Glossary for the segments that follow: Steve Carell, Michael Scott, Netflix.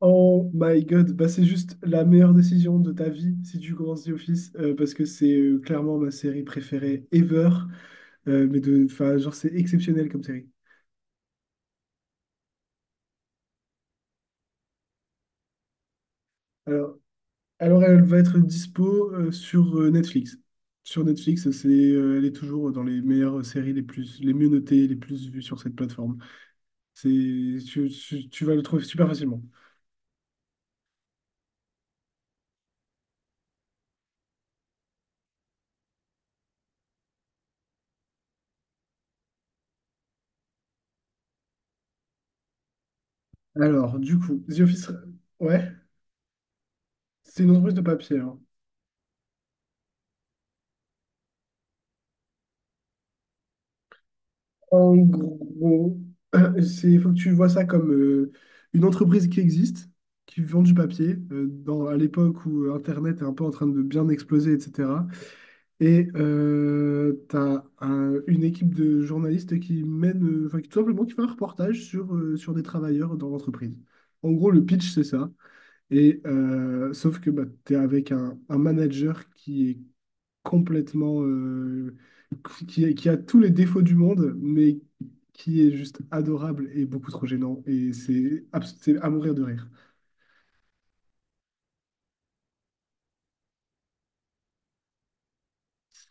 Oh my god, bah c'est juste la meilleure décision de ta vie si tu commences The Office, parce que c'est clairement ma série préférée ever, mais de, enfin genre c'est exceptionnel comme série. Alors, alors, elle va être dispo sur Netflix. Sur Netflix, c'est elle est toujours dans les meilleures séries, les plus, les mieux notées, les plus vues sur cette plateforme. C'est tu vas le trouver super facilement. Alors du coup, The Office, ouais, c'est une entreprise de papier, hein. En gros, c'est, il faut que tu vois ça comme une entreprise qui existe, qui vend du papier, dans, à l'époque où Internet est un peu en train de bien exploser, etc. Et tu as une équipe de journalistes qui mène, tout simplement qui fait un reportage sur, sur des travailleurs dans l'entreprise. En gros, le pitch, c'est ça. Et sauf que bah, tu es avec un manager qui est complètement qui a tous les défauts du monde, mais qui est juste adorable et beaucoup trop gênant. Et c'est c'est à mourir de rire.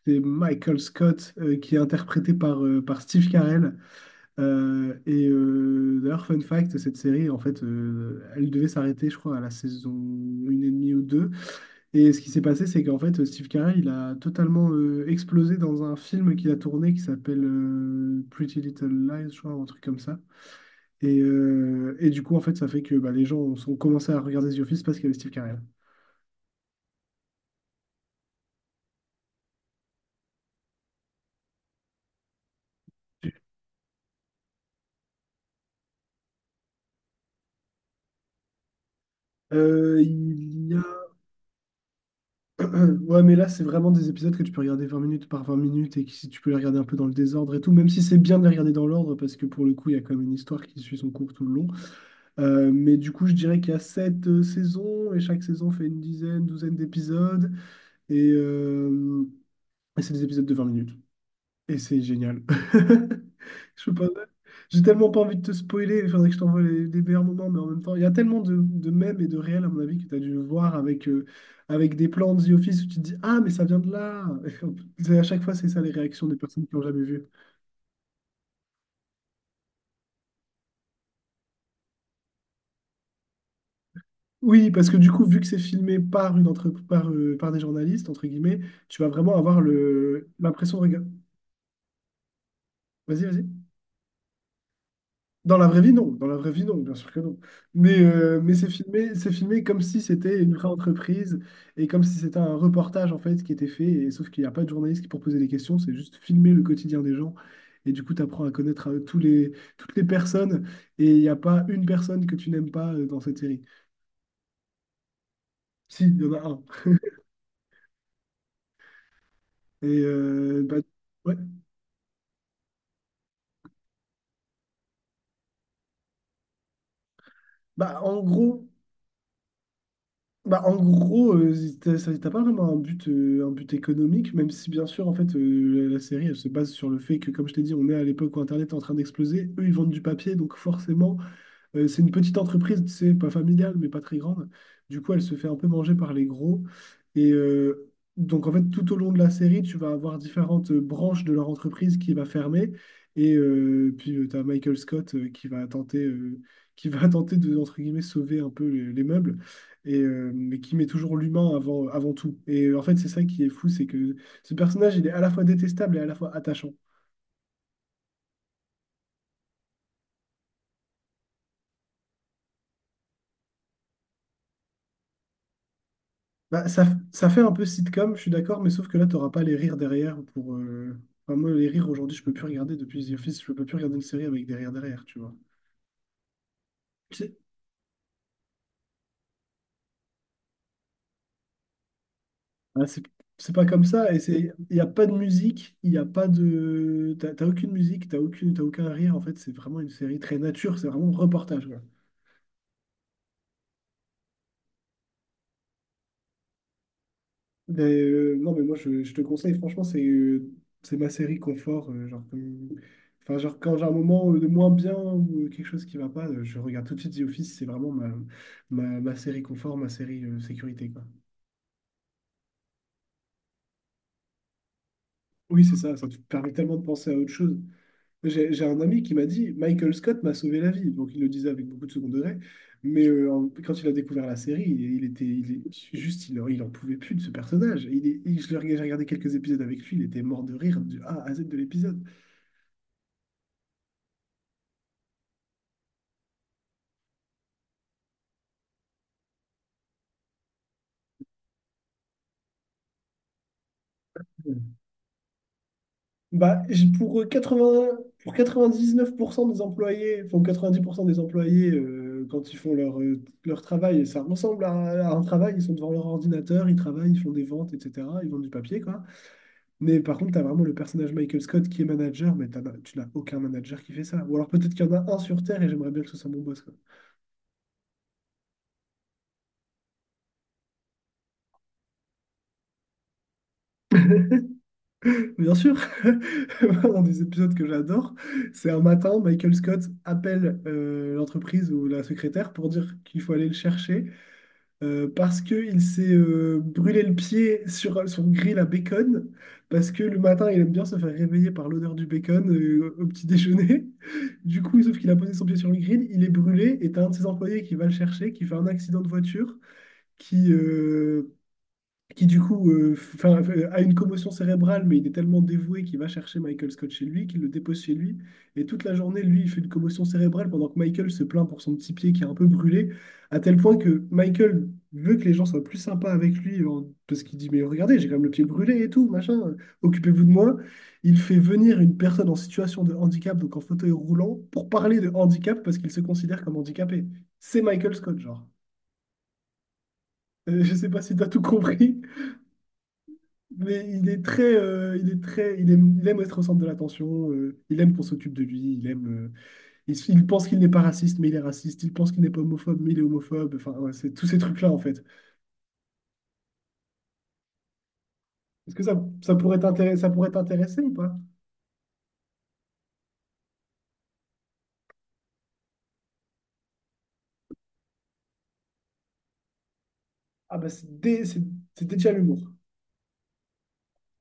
C'est Michael Scott qui est interprété par, par Steve Carell. D'ailleurs, fun fact, cette série, en fait, elle devait s'arrêter, je crois, à la saison une et demie ou deux. Et ce qui s'est passé, c'est qu'en fait, Steve Carell, il a totalement explosé dans un film qu'il a tourné qui s'appelle Pretty Little Lies, je crois, un truc comme ça. Et du coup, en fait, ça fait que bah, les gens ont commencé à regarder The Office parce qu'il y avait Steve Carell. Euh, il y a... Ouais, mais là, c'est vraiment des épisodes que tu peux regarder 20 minutes par 20 minutes, et que si tu peux les regarder un peu dans le désordre et tout, même si c'est bien de les regarder dans l'ordre parce que pour le coup, il y a quand même une histoire qui suit son cours tout le long. Mais du coup, je dirais qu'il y a 7 saisons et chaque saison fait une dizaine, douzaine d'épisodes, et, euh, et c'est des épisodes de 20 minutes. Et c'est génial. Je peux pas- J'ai tellement pas envie de te spoiler, il faudrait que je t'envoie les meilleurs moments, mais en même temps, il y a tellement de mèmes et de réels, à mon avis, que tu as dû voir avec, avec des plans de The Office où tu te dis, ah, mais ça vient de là! À chaque fois, c'est ça les réactions des personnes qui n'ont jamais vu. Oui, parce que du coup, vu que c'est filmé par, par des journalistes, entre guillemets, tu vas vraiment avoir l'impression de regarder. Vas-y, vas-y. Dans la vraie vie, non. Dans la vraie vie, non, bien sûr que non. Mais c'est filmé comme si c'était une vraie entreprise et comme si c'était un reportage en fait qui était fait. Et sauf qu'il n'y a pas de journaliste qui pour poser des questions, c'est juste filmer le quotidien des gens. Et du coup, tu apprends à connaître toutes les personnes. Et il n'y a pas une personne que tu n'aimes pas dans cette série. Si, il y en a un. Et bah, ouais. Bah, en gros. Bah, en gros, t'as pas vraiment un but économique, même si bien sûr, en fait, la série, elle se base sur le fait que, comme je t'ai dit, on est à l'époque où Internet est en train d'exploser. Eux, ils vendent du papier, donc forcément, c'est une petite entreprise, tu sais, pas familiale, mais pas très grande. Du coup, elle se fait un peu manger par les gros. Et euh, donc en fait, tout au long de la série, tu vas avoir différentes branches de leur entreprise qui va fermer. Et puis, tu as Michael Scott qui va tenter, qui va tenter de, entre guillemets, sauver un peu les meubles. Mais qui met toujours l'humain avant, avant tout. Et en fait, c'est ça qui est fou, c'est que ce personnage, il est à la fois détestable et à la fois attachant. Bah, ça fait un peu sitcom, je suis d'accord, mais sauf que là, t'auras pas les rires derrière pour, enfin, moi, les rires aujourd'hui, je peux plus regarder. Depuis The Office, je peux plus regarder une série avec des rires derrière, tu vois. C'est- Ah, c'est c'est pas comme ça, et c'est, il n'y a pas de musique, il n'y a pas de. T'as aucune musique, t'as aucune, t'as aucun rire, en fait, c'est vraiment une série très nature, c'est vraiment reportage. Ben, non, mais moi, je te conseille, franchement, c'est ma série confort, genre, genre, quand j'ai un moment de moins bien ou quelque chose qui va pas, je regarde tout de suite The Office. C'est vraiment ma série confort, ma série sécurité, quoi. Oui, c'est ça, ça te permet tellement de penser à autre chose. J'ai un ami qui m'a dit, Michael Scott m'a sauvé la vie. Donc, il le disait avec beaucoup de second degré. Mais quand il a découvert la série, il était il, est- juste, il en pouvait plus de ce personnage. Il, est- il- je le, J'ai regardé quelques épisodes avec lui, il était mort de rire du A à Z de l'épisode. Bah, pour 99% des employés, enfin 90% des employés, quand ils font leur, leur travail, et ça ressemble à un travail, ils sont devant leur ordinateur, ils travaillent, ils font des ventes, etc. Ils vendent du papier, quoi. Mais par contre, tu as vraiment le personnage Michael Scott qui est manager, mais tu n'as aucun manager qui fait ça. Ou alors peut-être qu'il y en a un sur Terre et j'aimerais bien que ce soit mon boss, quoi. Bien sûr, dans des épisodes que j'adore, c'est un matin, Michael Scott appelle l'entreprise ou la secrétaire pour dire qu'il faut aller le chercher. Parce qu'il s'est brûlé le pied sur son grill à bacon, parce que le matin, il aime bien se faire réveiller par l'odeur du bacon au petit déjeuner. Du coup, sauf qu'il a posé son pied sur le grill, il est brûlé, et t'as un de ses employés qui va le chercher, qui fait un accident de voiture, qui, euh, qui a une commotion cérébrale, mais il est tellement dévoué qu'il va chercher Michael Scott chez lui, qu'il le dépose chez lui. Et toute la journée, lui, il fait une commotion cérébrale pendant que Michael se plaint pour son petit pied qui est un peu brûlé, à tel point que Michael veut que les gens soient plus sympas avec lui. Parce qu'il dit, mais regardez, j'ai quand même le pied brûlé et tout, machin, occupez-vous de moi. Il fait venir une personne en situation de handicap, donc en fauteuil roulant, pour parler de handicap, parce qu'il se considère comme handicapé. C'est Michael Scott, genre. Je sais pas si t'as tout compris. Mais il est très, il aime être au centre de l'attention, il aime qu'on s'occupe de lui. Il aime, il pense qu'il n'est pas raciste, mais il est raciste. Il pense qu'il n'est pas homophobe, mais il est homophobe. Enfin, ouais, c'est tous ces trucs-là en fait. Est-ce que ça, ça pourrait t'intéresser ou pas? Ah bah c'est déjà l'humour.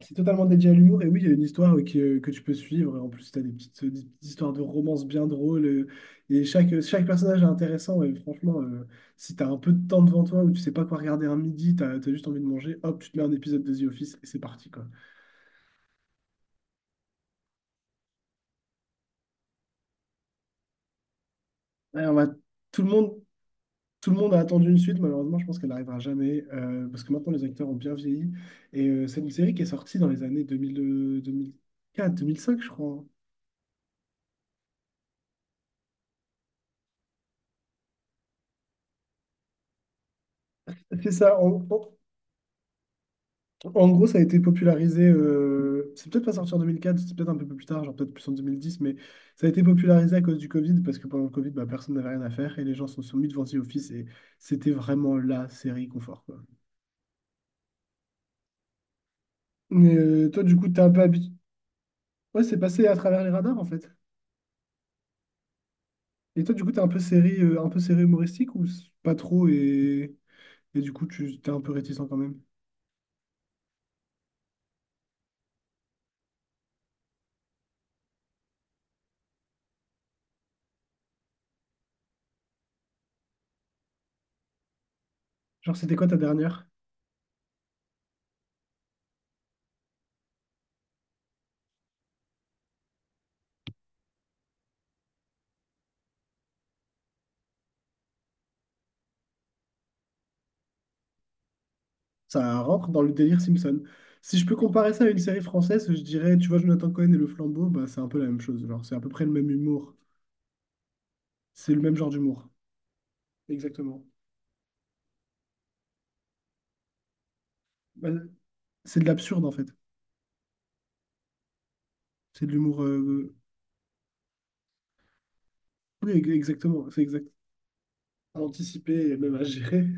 C'est totalement dédié à l'humour, et oui, il y a une histoire que tu peux suivre. En plus, tu as des petites histoires de romance bien drôles, et chaque personnage est intéressant. Et franchement, si tu as un peu de temps devant toi ou tu sais pas quoi regarder un midi, tu as juste envie de manger, hop, tu te mets un épisode de The Office et c'est parti, quoi. Ouais, on va- Tout le monde, tout le monde a attendu une suite. Malheureusement, je pense qu'elle n'arrivera jamais, parce que maintenant les acteurs ont bien vieilli. Et c'est une série qui est sortie dans les années 2000, 2004, 2005, je crois, hein. C'est ça, on. En gros, ça a été popularisé, c'est peut-être pas sorti en 2004, c'est peut-être un peu plus tard, genre peut-être plus en 2010. Mais ça a été popularisé à cause du Covid, parce que pendant le Covid, bah, personne n'avait rien à faire et les gens sont soumis devant The Office et c'était vraiment la série confort, quoi. Mais toi, du coup, t'es un peu habitué. Ouais, c'est passé à travers les radars, en fait. Et toi, du coup, t'es un peu série humoristique ou pas trop, et du coup, tu t'es un peu réticent quand même? Genre, c'était quoi ta dernière? Ça rentre dans le délire Simpson. Si je peux comparer ça à une série française, je dirais, tu vois, Jonathan Cohen et Le Flambeau, bah, c'est un peu la même chose. Genre, c'est à peu près le même humour. C'est le même genre d'humour. Exactement. Bah, c'est de l'absurde, en fait. C'est de l'humour, oui, exactement. C'est exact. À anticiper et même à gérer.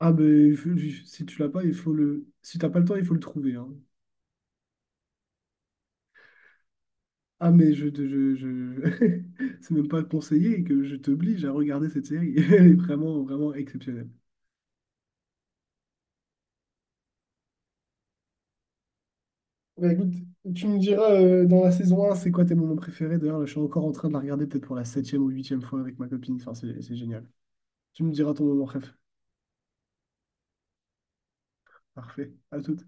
Ah, ben il faut- Si tu l'as pas, il faut le. Si t'as pas le temps, il faut le trouver, hein. Ah, mais je, te- je... C'est même pas conseillé, que je t'oblige à regarder cette série. Elle est vraiment, vraiment exceptionnelle. Bah écoute, tu me diras dans la saison un, c'est quoi tes moments préférés? D'ailleurs, là, je suis encore en train de la regarder peut-être pour la septième ou huitième fois avec ma copine. Enfin, c'est génial. Tu me diras ton moment préf. Parfait. À tout.